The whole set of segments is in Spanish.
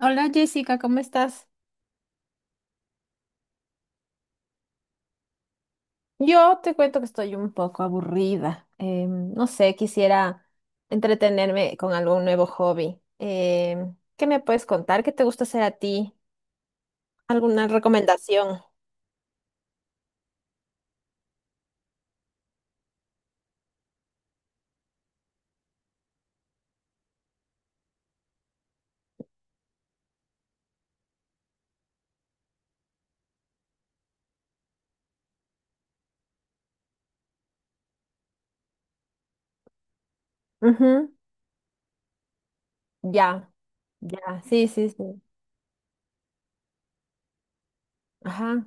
Hola Jessica, ¿cómo estás? Yo te cuento que estoy un poco aburrida. No sé, quisiera entretenerme con algún nuevo hobby. ¿Qué me puedes contar? ¿Qué te gusta hacer a ti? ¿Alguna recomendación? Ujú. Ya, ya, sí, sí, sí. Ajá.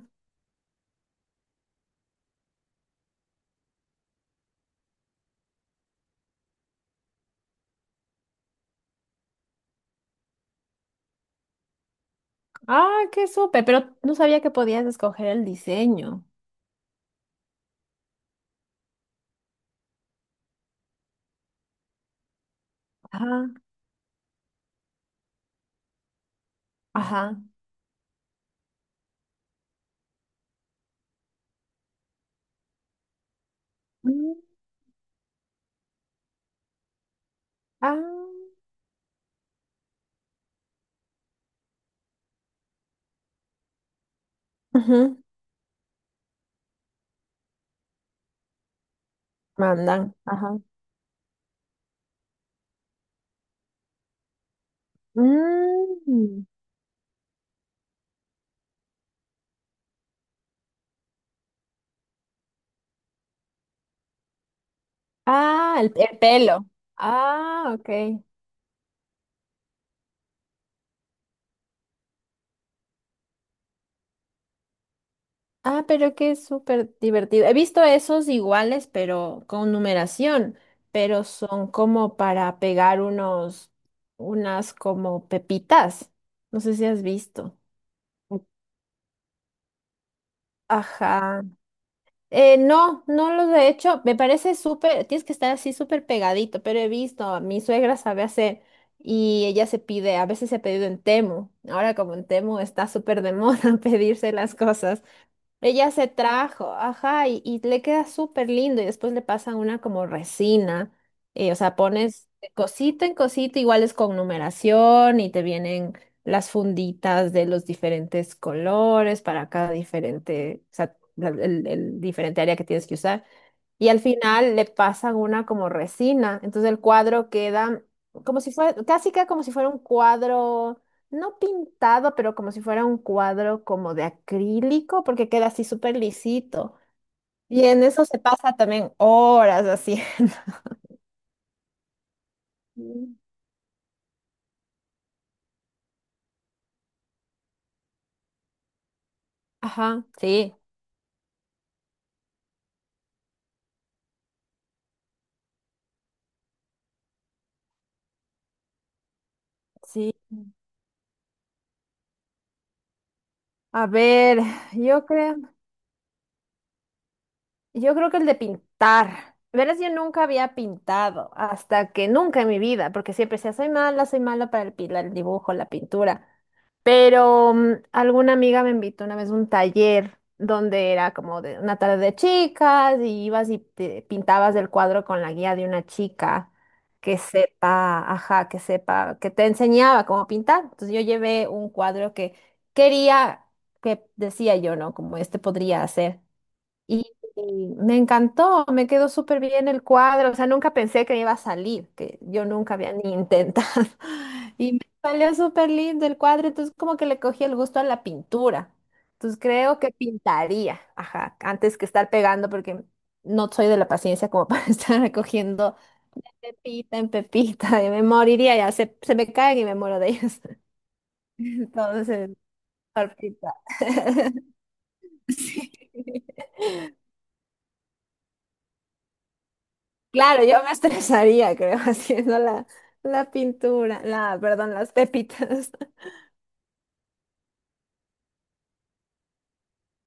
Ah, qué súper, pero no sabía que podías escoger el diseño. Ajá, ajá. Mm. Ah, ujú. Mandan, ajá. Mm. Ah, el pelo. Ah, ok. Ah, pero que es súper divertido. He visto esos iguales, pero con numeración, pero son como para pegar unos, unas como pepitas. No sé si has visto. Ajá. No, no los he hecho. Me parece súper, tienes que estar así súper pegadito, pero he visto, mi suegra sabe hacer y ella se pide, a veces se ha pedido en Temu. Ahora como en Temu está súper de moda pedirse las cosas. Ella se trajo, ajá, y le queda súper lindo y después le pasan una como resina, o sea, pones de cosita en cosita, igual es con numeración y te vienen las funditas de los diferentes colores para cada diferente, o sea, el diferente área que tienes que usar y al final le pasan una como resina. Entonces el cuadro queda como si fuera, casi queda como si fuera un cuadro, no pintado, pero como si fuera un cuadro como de acrílico, porque queda así súper lisito. Y en eso se pasa también horas haciendo. Mm. Ajá, sí, sí. A ver, yo creo. Yo creo que el de pintar. Verás, yo nunca había pintado, hasta que nunca en mi vida, porque siempre decía, soy mala para el dibujo, la pintura. Pero alguna amiga me invitó una vez a un taller donde era como de una tarde de chicas y ibas y te pintabas el cuadro con la guía de una chica que sepa, ajá, que sepa, que te enseñaba cómo pintar. Entonces yo llevé un cuadro que quería, que decía yo, ¿no? Como este podría hacer. Y, y me encantó, me quedó súper bien el cuadro, o sea, nunca pensé que me iba a salir, que yo nunca había ni intentado. Y me salió súper lindo el cuadro, entonces como que le cogí el gusto a la pintura. Entonces creo que pintaría, ajá, antes que estar pegando, porque no soy de la paciencia como para estar recogiendo pepita en pepita, y me moriría ya, se me caen y me muero de ellos. Entonces, por pintar. Sí. Claro, yo me estresaría, creo, haciendo la pintura, la, perdón, las pepitas.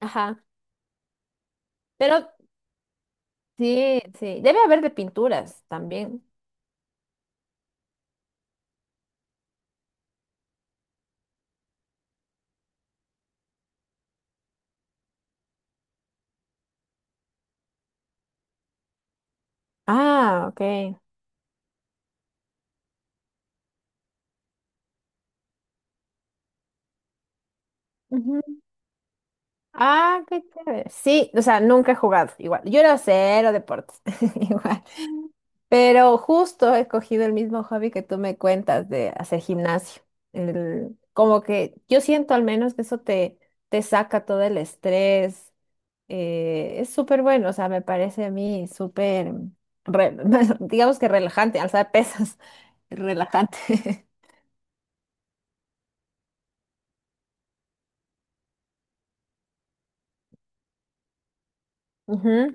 Ajá. Pero sí, sí, debe haber de pinturas también. Ah, ok. Ujú. Ah, qué chévere. Sí, o sea, nunca he jugado igual. Yo era cero deportes. Igual. Pero justo he cogido el mismo hobby que tú me cuentas de hacer gimnasio. Como que yo siento al menos que eso te saca todo el estrés. Es súper bueno, o sea, me parece a mí súper, re- digamos que relajante, alzar pesas, relajante. Ujú.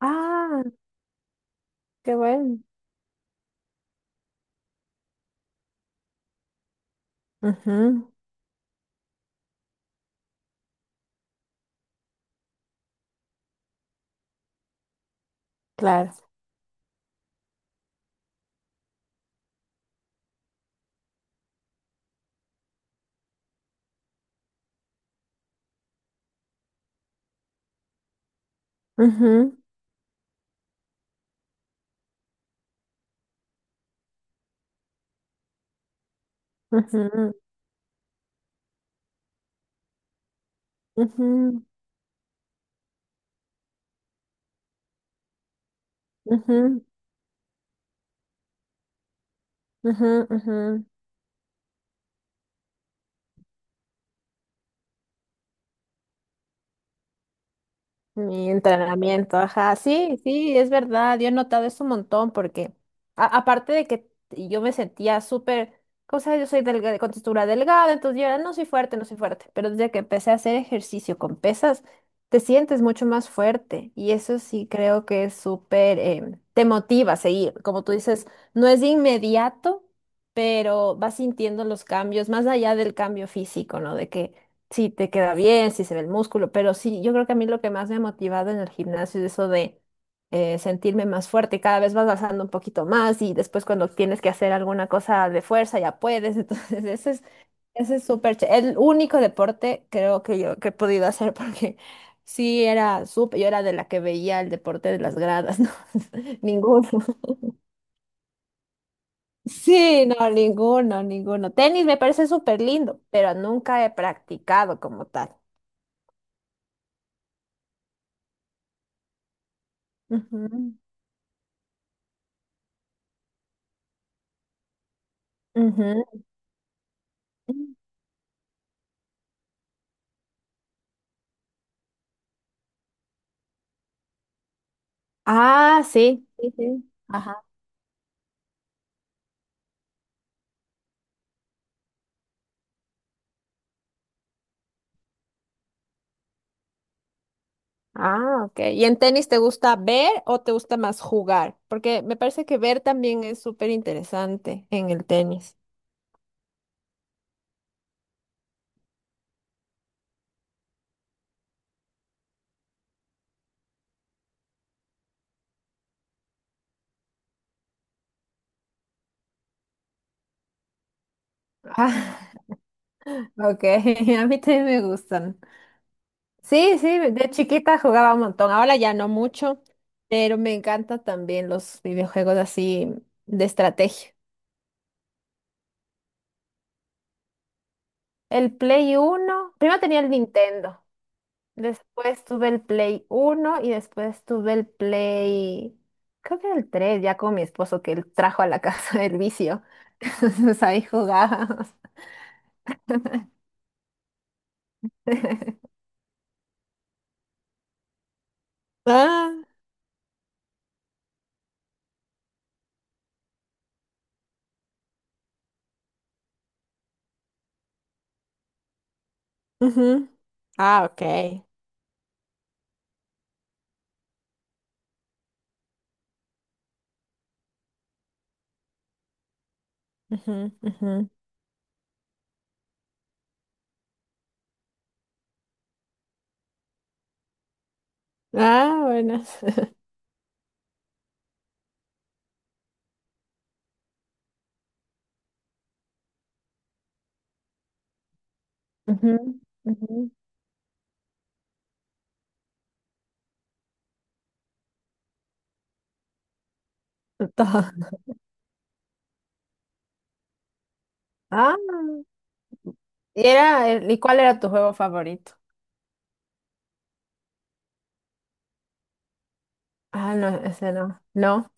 Ah, qué bueno. Ujú, claro. Ujú, ujú, ujú, ujú, ujú, ujú. Mi entrenamiento, ajá, sí, sí, es verdad, yo he notado eso un montón porque aparte de que yo me sentía súper, cosa yo soy delgada, con textura delgada, entonces yo era, no soy fuerte, no soy fuerte, pero desde que empecé a hacer ejercicio con pesas, te sientes mucho más fuerte y eso sí creo que es súper, te motiva a seguir, como tú dices, no es inmediato, pero vas sintiendo los cambios, más allá del cambio físico, ¿no? De que si te queda bien, si se ve el músculo, pero sí, yo creo que a mí lo que más me ha motivado en el gimnasio es eso de sentirme más fuerte, cada vez vas alzando un poquito más y después cuando tienes que hacer alguna cosa de fuerza ya puedes, entonces ese es súper, ché el único deporte creo que yo que he podido hacer porque sí era súper, yo era de la que veía el deporte de las gradas, ¿no? Ninguno. Sí, no, ninguno, ninguno. Tenis me parece súper lindo, pero nunca he practicado como tal. Ujú. Ujú. Ah, sí, sí, sí. Ajá. Ah, ok. ¿Y en tenis te gusta ver o te gusta más jugar? Porque me parece que ver también es súper interesante en el tenis. Ah, ok, a mí también me gustan. Sí, sí, de chiquita jugaba un montón, ahora ya no mucho, pero me encantan también los videojuegos así de estrategia. El Play Uno. Primero tenía el Nintendo. Después tuve el Play uno y después tuve el Play, creo que era el 3 ya con mi esposo que él trajo a la casa del vicio. Entonces ahí jugábamos. Ah, ujú. Ah, ok. Ujú, ujú. Ah, buenas. Ujú, ujú. Todo. Ah, y era ¿y cuál era tu juego favorito? Ah, no, ese no. No.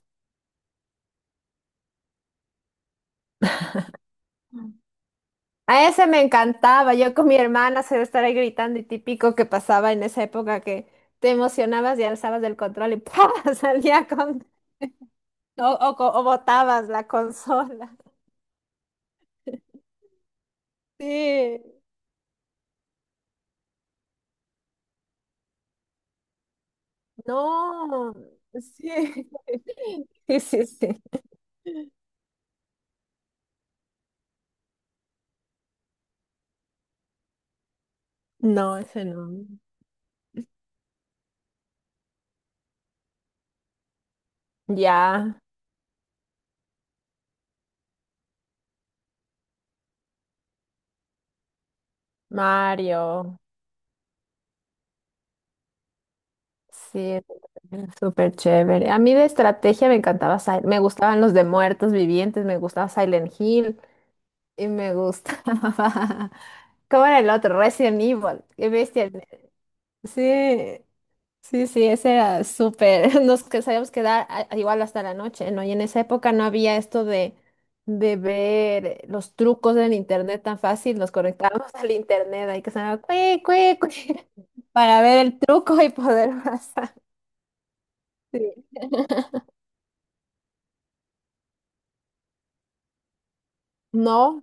A ese me encantaba. Yo con mi hermana se estar ahí gritando y típico que pasaba en esa época que te emocionabas y alzabas del control y ¡pah! salía con o botabas la consola. Sí, no, sí, sí, sí, sí. No, ese no. Ya, Mario. Sí, súper chévere. A mí de estrategia me encantaba, me gustaban los de muertos vivientes, me gustaba Silent Hill. Y me gusta. ¿Cómo era el otro? Resident Evil. Qué bestia. Sí, sí, sí, ese era súper. Nos que sabíamos quedar igual hasta la noche, ¿no? Y en esa época no había esto de ver los trucos del internet tan fácil. Nos conectábamos al internet ahí que sonaba cue, cue, cue, para ver el truco y poder pasar. Sí. No,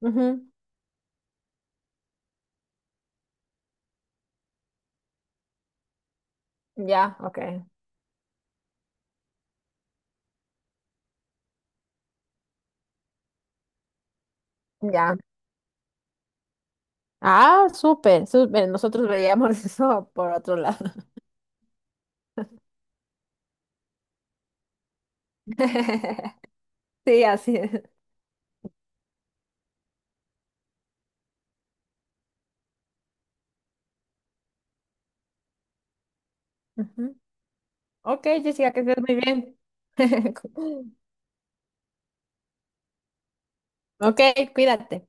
ujú. Ya, ok, ya. Ah, súper, súper. Nosotros veíamos eso por otro lado. Sí, así es. Ujú. Ok, Jessica, que estés muy bien. Ok, cuídate.